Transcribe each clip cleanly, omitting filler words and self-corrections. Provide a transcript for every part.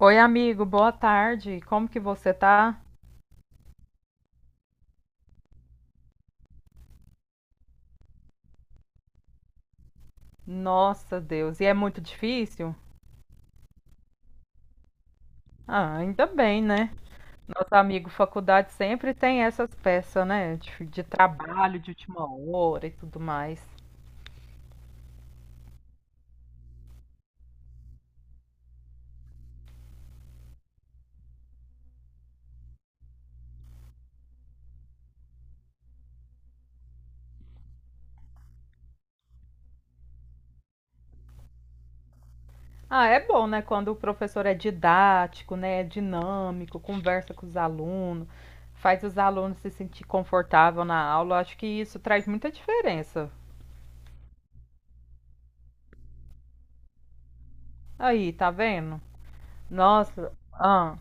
Oi, amigo, boa tarde. Como que você tá? Nossa, Deus. E é muito difícil? Ah, ainda bem, né? Nosso amigo faculdade sempre tem essas peças, né? De trabalho, de última hora e tudo mais. Ah, é bom, né? Quando o professor é didático, né? É dinâmico, conversa com os alunos, faz os alunos se sentir confortável na aula. Eu acho que isso traz muita diferença. Aí, tá vendo? Nossa, ah,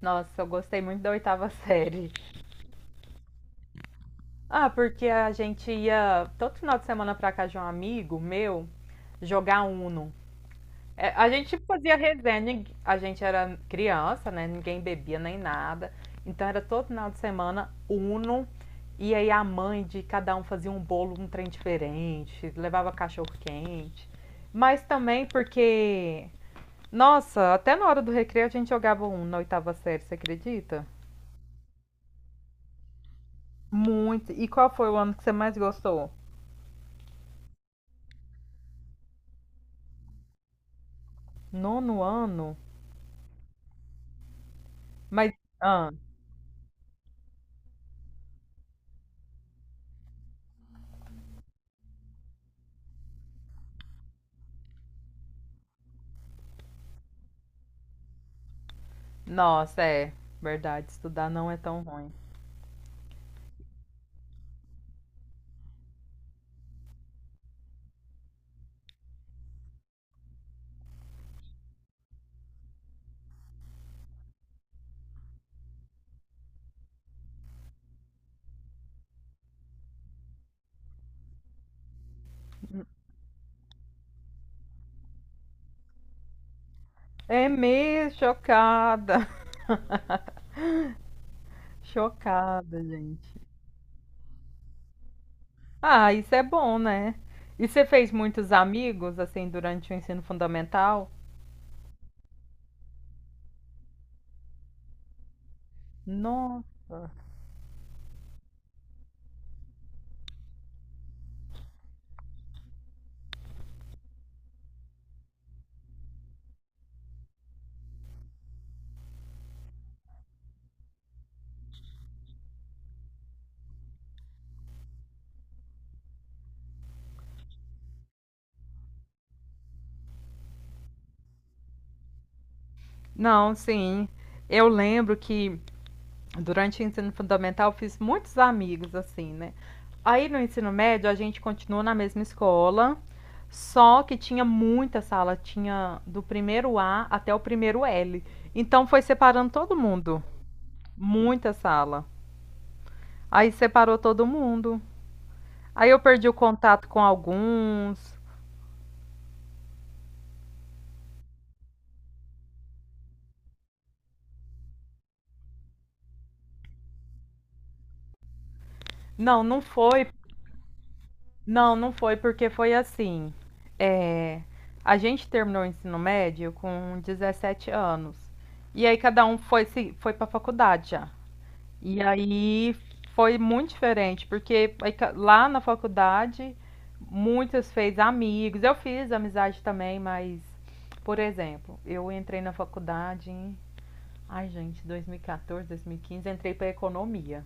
nossa, eu gostei muito da oitava série. Ah, porque a gente ia todo final de semana pra casa de um amigo meu jogar Uno. É, a gente fazia resenha, a gente era criança, né? Ninguém bebia nem nada. Então era todo final de semana Uno. E aí a mãe de cada um fazia um bolo, um trem diferente, levava cachorro quente. Mas também porque, nossa, até na hora do recreio a gente jogava Uno na oitava série, você acredita? Muito. E qual foi o ano que você mais gostou? Nono ano? Mas, ah, nossa, é verdade, estudar não é tão ruim. É mesmo, chocada. Chocada, gente. Ah, isso é bom, né? E você fez muitos amigos, assim, durante o ensino fundamental? Nossa. Não, sim. Eu lembro que Durante o ensino fundamental, fiz muitos amigos, assim, né. Aí, no ensino médio, a gente continuou na mesma escola, só que tinha muita sala, tinha do primeiro A até o primeiro L. Então, foi separando todo mundo, muita sala. Aí, separou todo mundo. Aí, eu perdi o contato com alguns. Não, não foi Não, não foi porque foi assim, é, a gente terminou o ensino médio com 17 anos, e aí cada um foi se foi para faculdade já. E aí foi muito diferente, porque aí ca lá na faculdade muitas fez amigos, eu fiz amizade também, mas, por exemplo, eu entrei na faculdade em 2014, 2015, entrei para economia.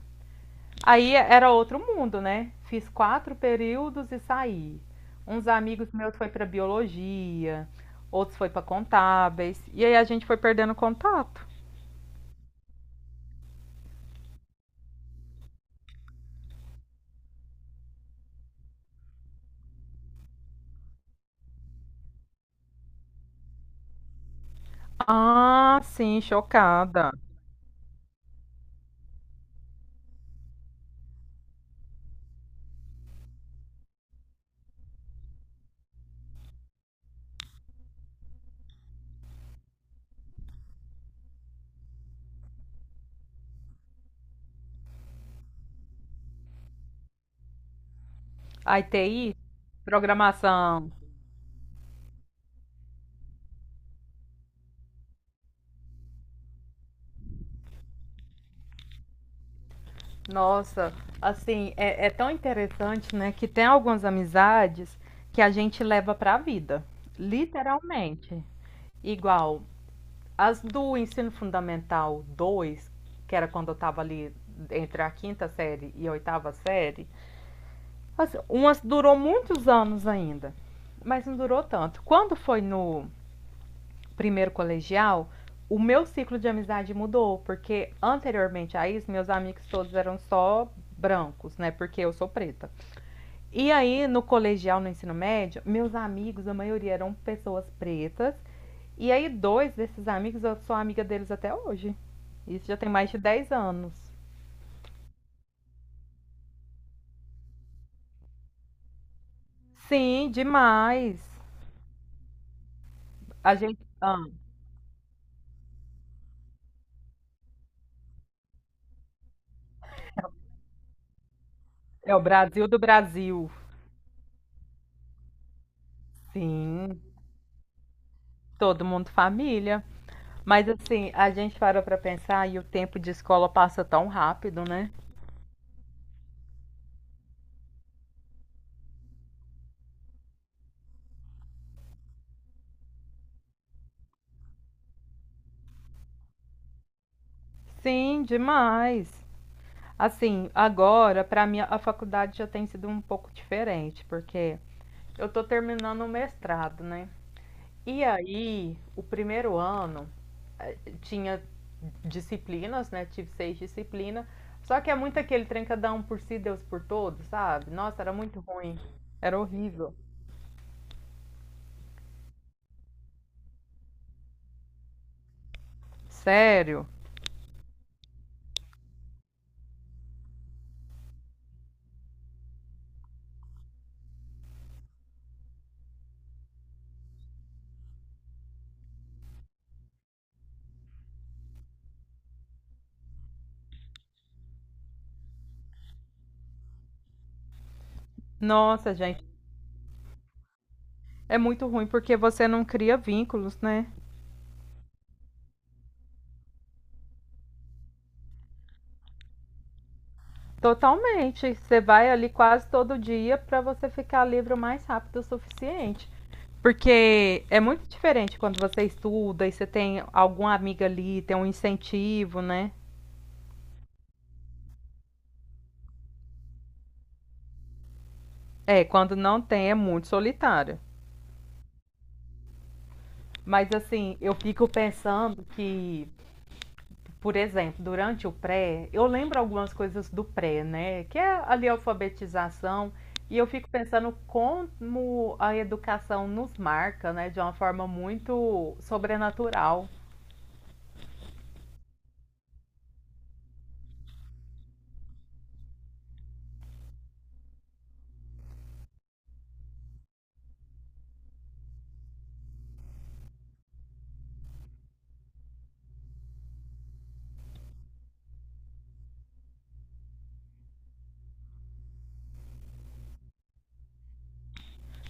Aí era outro mundo, né? Fiz quatro períodos e saí. Uns amigos meus foi para biologia, outros foi para contábeis, e aí a gente foi perdendo contato. Ah, sim, chocada. A TI, programação. Nossa, assim, é tão interessante, né, que tem algumas amizades que a gente leva para a vida, literalmente. Igual, as do ensino fundamental 2 que era quando eu estava ali entre a quinta série e a oitava série, assim, umas durou muitos anos ainda, mas não durou tanto. Quando foi no primeiro colegial, o meu ciclo de amizade mudou, porque anteriormente a isso, meus amigos todos eram só brancos, né? Porque eu sou preta. E aí, no colegial, no ensino médio, meus amigos, a maioria eram pessoas pretas. E aí, dois desses amigos, eu sou amiga deles até hoje. Isso já tem mais de 10 anos. Sim, demais. A gente. ah, é o Brasil do Brasil. Sim, todo mundo família. Mas assim, a gente parou pra pensar e o tempo de escola passa tão rápido, né? Sim, demais. Assim, agora para mim a faculdade já tem sido um pouco diferente, porque eu tô terminando o mestrado, né? E aí, o primeiro ano tinha disciplinas, né? Tive seis disciplinas. Só que é muito aquele trem cada um por si, Deus por todos, sabe? Nossa, era muito ruim. Era horrível. Sério? Nossa, gente, é muito ruim porque você não cria vínculos, né? Totalmente. Você vai ali quase todo dia para você ficar livre o mais rápido o suficiente. Porque é muito diferente quando você estuda e você tem alguma amiga ali, tem um incentivo, né? É, quando não tem é muito solitário. Mas assim, eu fico pensando que Por exemplo, durante o pré, eu lembro algumas coisas do pré, né? Que é ali a alfabetização, e eu fico pensando como a educação nos marca, né? De uma forma muito sobrenatural.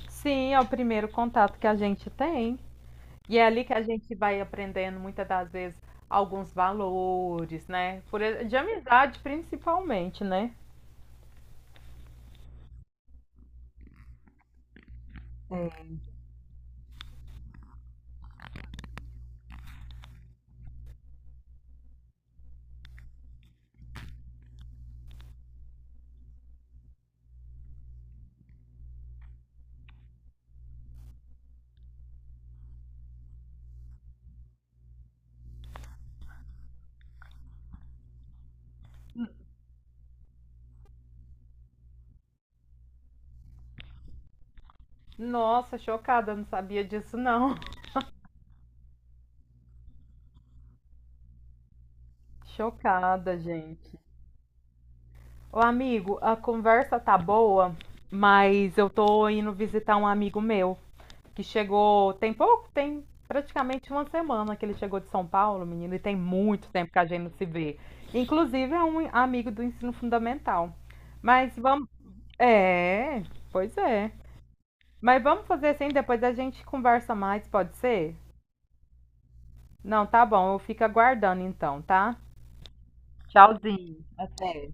Sim, é o primeiro contato que a gente tem. E é ali que a gente vai aprendendo muitas das vezes alguns valores, né? De amizade principalmente, né? Nossa, chocada, não sabia disso não. Chocada, gente. Ô amigo, a conversa tá boa, mas eu tô indo visitar um amigo meu que chegou tem pouco, tem praticamente uma semana que ele chegou de São Paulo, menino, e tem muito tempo que a gente não se vê. Inclusive é um amigo do ensino fundamental. Mas vamos. É, pois é. Mas vamos fazer assim, depois a gente conversa mais, pode ser? Não, tá bom, eu fico aguardando então, tá? Tchauzinho, até.